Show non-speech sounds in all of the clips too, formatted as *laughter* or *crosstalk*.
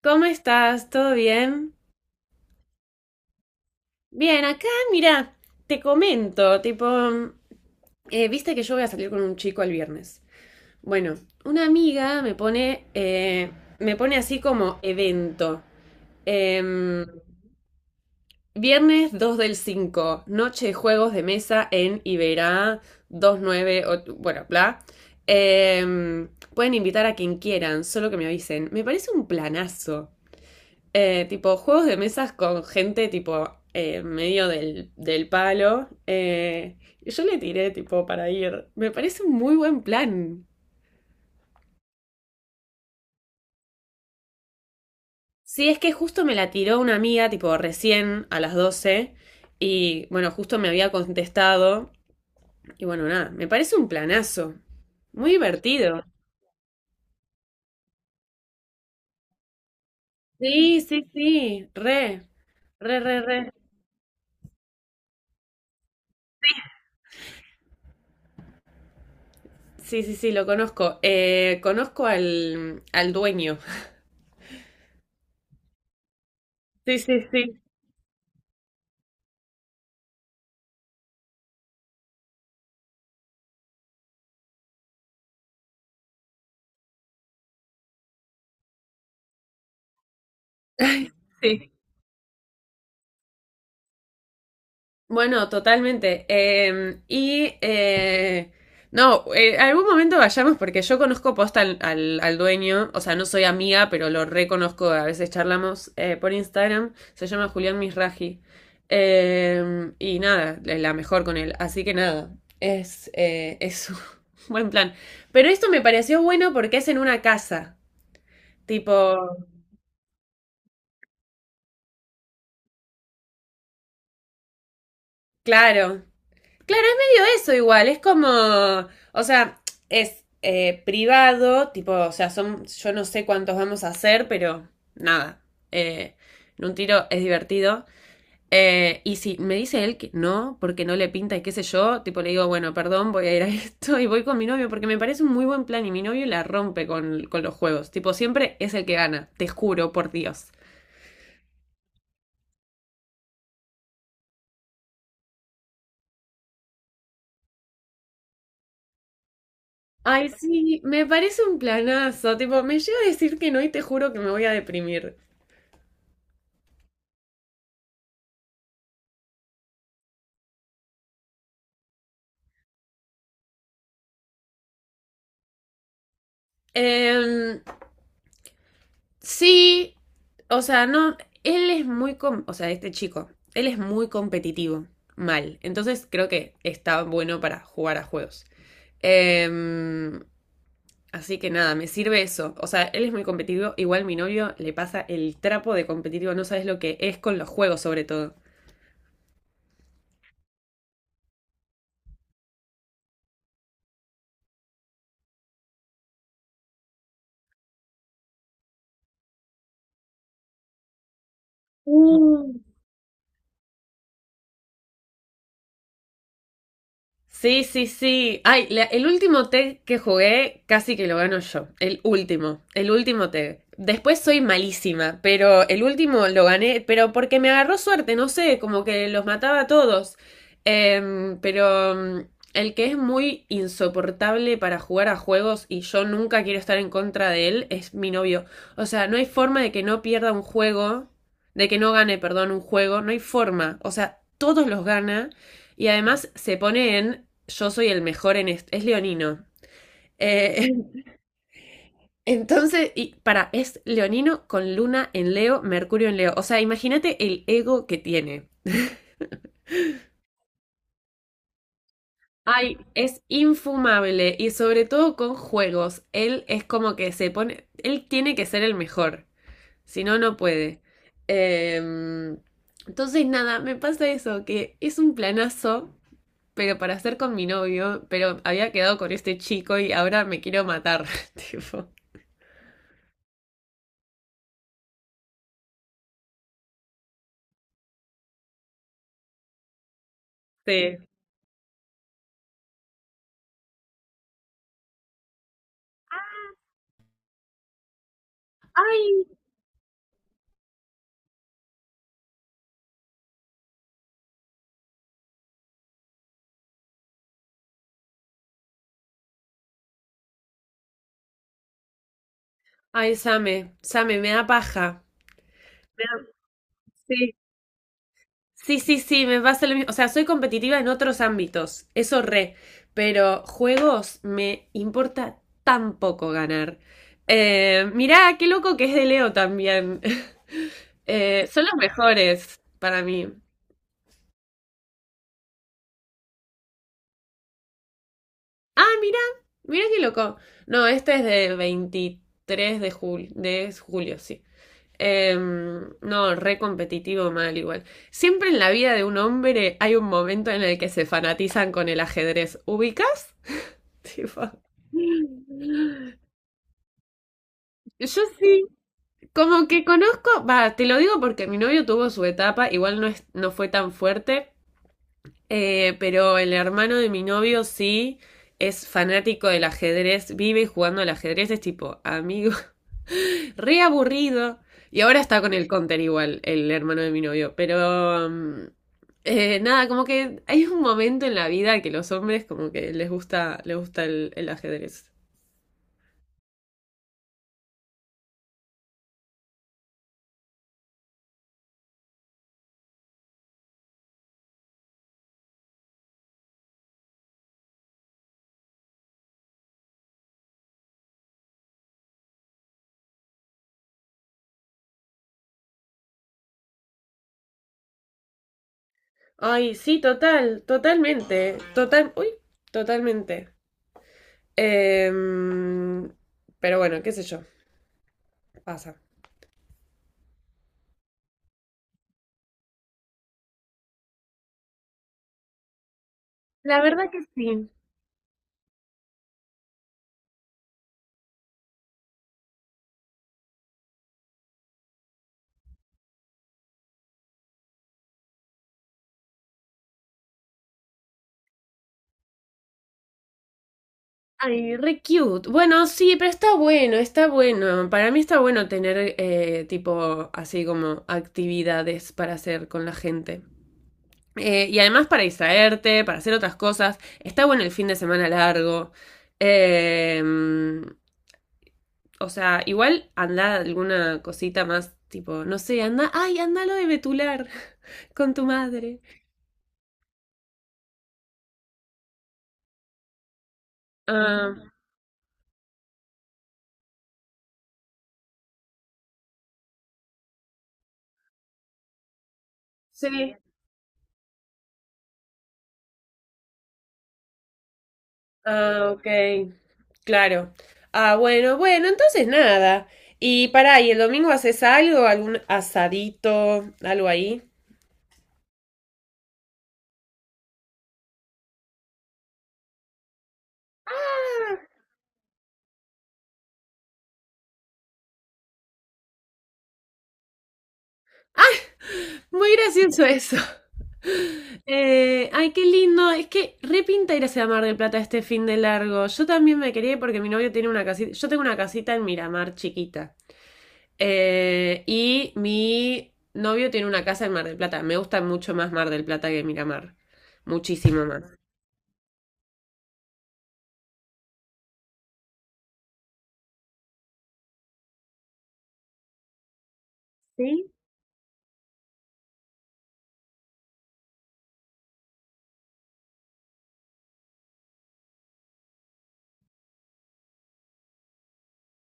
¿Cómo estás? ¿Todo bien? Bien, acá, mira, te comento, tipo, viste que yo voy a salir con un chico el viernes. Bueno, una amiga me pone así como evento. Em, viernes 2/5, noche de juegos de mesa en Iberá 29, bueno, bla. Em, pueden invitar a quien quieran, solo que me avisen. Me parece un planazo. Tipo, juegos de mesas con gente, tipo, medio del palo. Y yo le tiré, tipo, para ir. Me parece un muy buen plan. Sí, es que justo me la tiró una amiga, tipo, recién a las 12. Y bueno, justo me había contestado. Y bueno, nada, me parece un planazo. Muy divertido. Sí, sí, sí, re, re, re, re. Sí, sí, sí, lo conozco. Conozco al dueño. Sí, sí, sí, sí. Bueno, totalmente. No, algún momento vayamos porque yo conozco posta al dueño, o sea, no soy amiga, pero lo reconozco, a veces charlamos por Instagram, se llama Julián Misraji. Y nada, la mejor con él, así que nada, es *laughs* un buen plan. Pero esto me pareció bueno porque es en una casa, tipo, claro. Claro, es medio eso igual, es como, o sea, es privado, tipo, o sea, son, yo no sé cuántos vamos a hacer, pero nada, eh, en un tiro es divertido. Y si me dice él que no, porque no le pinta y qué sé yo, tipo le digo, bueno, perdón, voy a ir a *laughs* esto y voy con mi novio, porque me parece un muy buen plan y mi novio la rompe con los juegos, tipo, siempre es el que gana, te juro, por Dios. Ay, sí, me parece un planazo, tipo, me llega a decir que no y te juro que me voy a deprimir. Em, sí, o sea, no, él es muy, com- o sea, este chico, él es muy competitivo, mal. Entonces creo que está bueno para jugar a juegos. Em, así que nada, me sirve eso. O sea, él es muy competitivo, igual mi novio le pasa el trapo de competitivo, no sabes lo que es con los juegos sobre todo. Uh. Sí, sí, sí. Ay, el último TEG que jugué casi que lo gano yo. El último TEG. Después soy malísima, pero el último lo gané, pero porque me agarró suerte, no sé, como que los mataba a todos. Em, pero mm, el que es muy insoportable para jugar a juegos y yo nunca quiero estar en contra de él es mi novio. O sea, no hay forma de que no pierda un juego, de que no gane, perdón, un juego, no hay forma. O sea, todos los gana. Y además se pone en yo soy el mejor en esto. Es leonino. Eh, *laughs* entonces, y para, es leonino con luna en Leo, Mercurio en Leo. O sea, imagínate el ego que tiene. Ay, es infumable y sobre todo con juegos. Él es como que se pone, él tiene que ser el mejor, si no, no puede. Em, entonces, nada, me pasa eso, que es un planazo pero para estar con mi novio, pero había quedado con este chico y ahora me quiero matar, *laughs* tipo. Sí. Ay, ay, Same, Same, me da paja. Sí. Sí, sí, sí, me pasa lo mismo. O sea, soy competitiva en otros ámbitos, eso re, pero juegos me importa tan poco ganar. Mirá, qué loco que es de Leo también. *laughs* Son los mejores para mí. Ah, mira, mira qué loco. No, este es de 23 de julio, de julio, sí. No, re competitivo mal igual. Siempre en la vida de un hombre hay un momento en el que se fanatizan con el ajedrez. ¿Ubicas? *laughs* Tipo. Yo sí, como que conozco, va, te lo digo porque mi novio tuvo su etapa, igual no es, no fue tan fuerte. Pero el hermano de mi novio sí es fanático del ajedrez, vive jugando al ajedrez, es tipo, amigo, *laughs* re aburrido. Y ahora está con el counter igual, el hermano de mi novio. Pero nada, como que hay un momento en la vida que los hombres como que les gusta el ajedrez. Ay, sí, total, totalmente, total, uy, totalmente. Em, pero bueno, qué sé yo, pasa. La verdad que sí. Ay, re cute. Bueno, sí, pero está bueno, está bueno. Para mí está bueno tener tipo así como actividades para hacer con la gente. Y además para distraerte, para hacer otras cosas. Está bueno el fin de semana largo. Eh, o sea, igual anda alguna cosita más tipo, no sé, anda, ay, anda lo de Betular *laughs* con tu madre. Ah, sí. Ah, ok. Claro. Ah, bueno, bueno, entonces nada. Y pará, ¿y el domingo haces algo? ¿Algún asadito? ¿Algo ahí? Ay, muy gracioso eso. Ay, qué lindo. Es que repinta irse a Mar del Plata este fin de largo. Yo también me quería ir porque mi novio tiene una casita. Yo tengo una casita en Miramar chiquita. Y mi novio tiene una casa en Mar del Plata. Me gusta mucho más Mar del Plata que Miramar. Muchísimo más.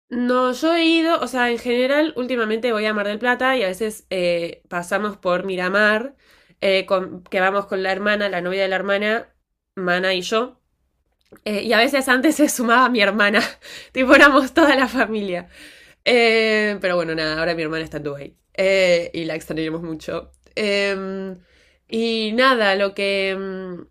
No, yo he ido, o sea, en general, últimamente voy a Mar del Plata y a veces pasamos por Miramar, que vamos con la hermana, la novia de la hermana, Mana y yo. Y a veces antes se sumaba mi hermana, *laughs* tipo éramos toda la familia. Pero bueno, nada, ahora mi hermana está en Dubái y la extrañamos mucho. Y nada, lo que, mm,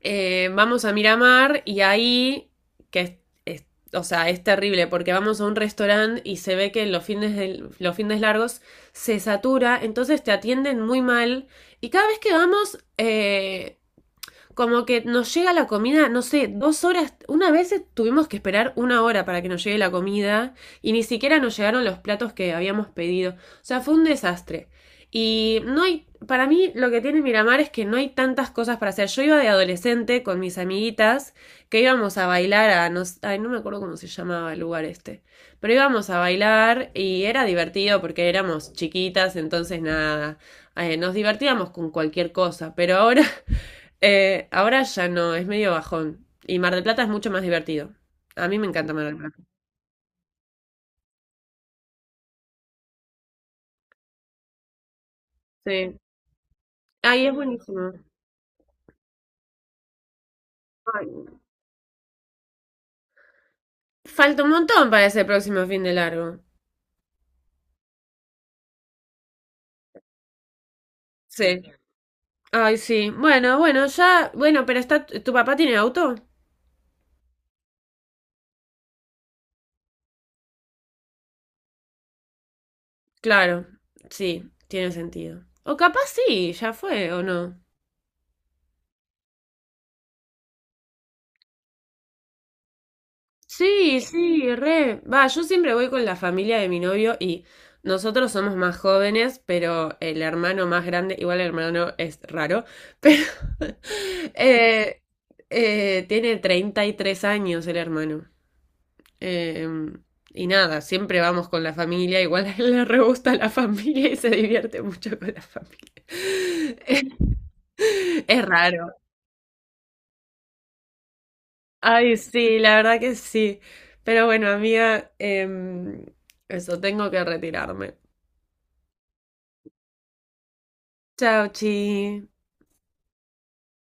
eh, vamos a Miramar y ahí, que es, es- o sea, es terrible porque vamos a un restaurante y se ve que de los fines largos se satura, entonces te atienden muy mal y cada vez que vamos como que nos llega la comida, no sé, 2 horas, una vez tuvimos que esperar una hora para que nos llegue la comida y ni siquiera nos llegaron los platos que habíamos pedido. O sea, fue un desastre. Y no hay, para mí lo que tiene Miramar es que no hay tantas cosas para hacer. Yo iba de adolescente con mis amiguitas que íbamos a bailar a, no, ay, no me acuerdo cómo se llamaba el lugar este, pero íbamos a bailar y era divertido porque éramos chiquitas, entonces nada, nos divertíamos con cualquier cosa, pero ahora... Ahora ya no, es medio bajón. Y Mar del Plata es mucho más divertido. A mí me encanta Mar del Plata. Sí. Ay, es buenísimo. Ay, falta un montón para ese próximo fin de largo. Sí. Ay, sí. Bueno, bueno, ya. Bueno, pero está. ¿Tu papá tiene auto? Claro. Sí, tiene sentido. O capaz sí, ya fue, ¿o no? Sí, sí, re. Va, yo siempre voy con la familia de mi novio y nosotros somos más jóvenes, pero el hermano más grande, igual el hermano es raro, pero *laughs* eh, tiene 33 años el hermano. Eh, y nada, siempre vamos con la familia, igual a él le re gusta la familia y se divierte mucho con la familia. *laughs* Es raro. Ay, sí, la verdad que sí. Pero bueno, amiga, eso, tengo que retirarme. Chao, chi.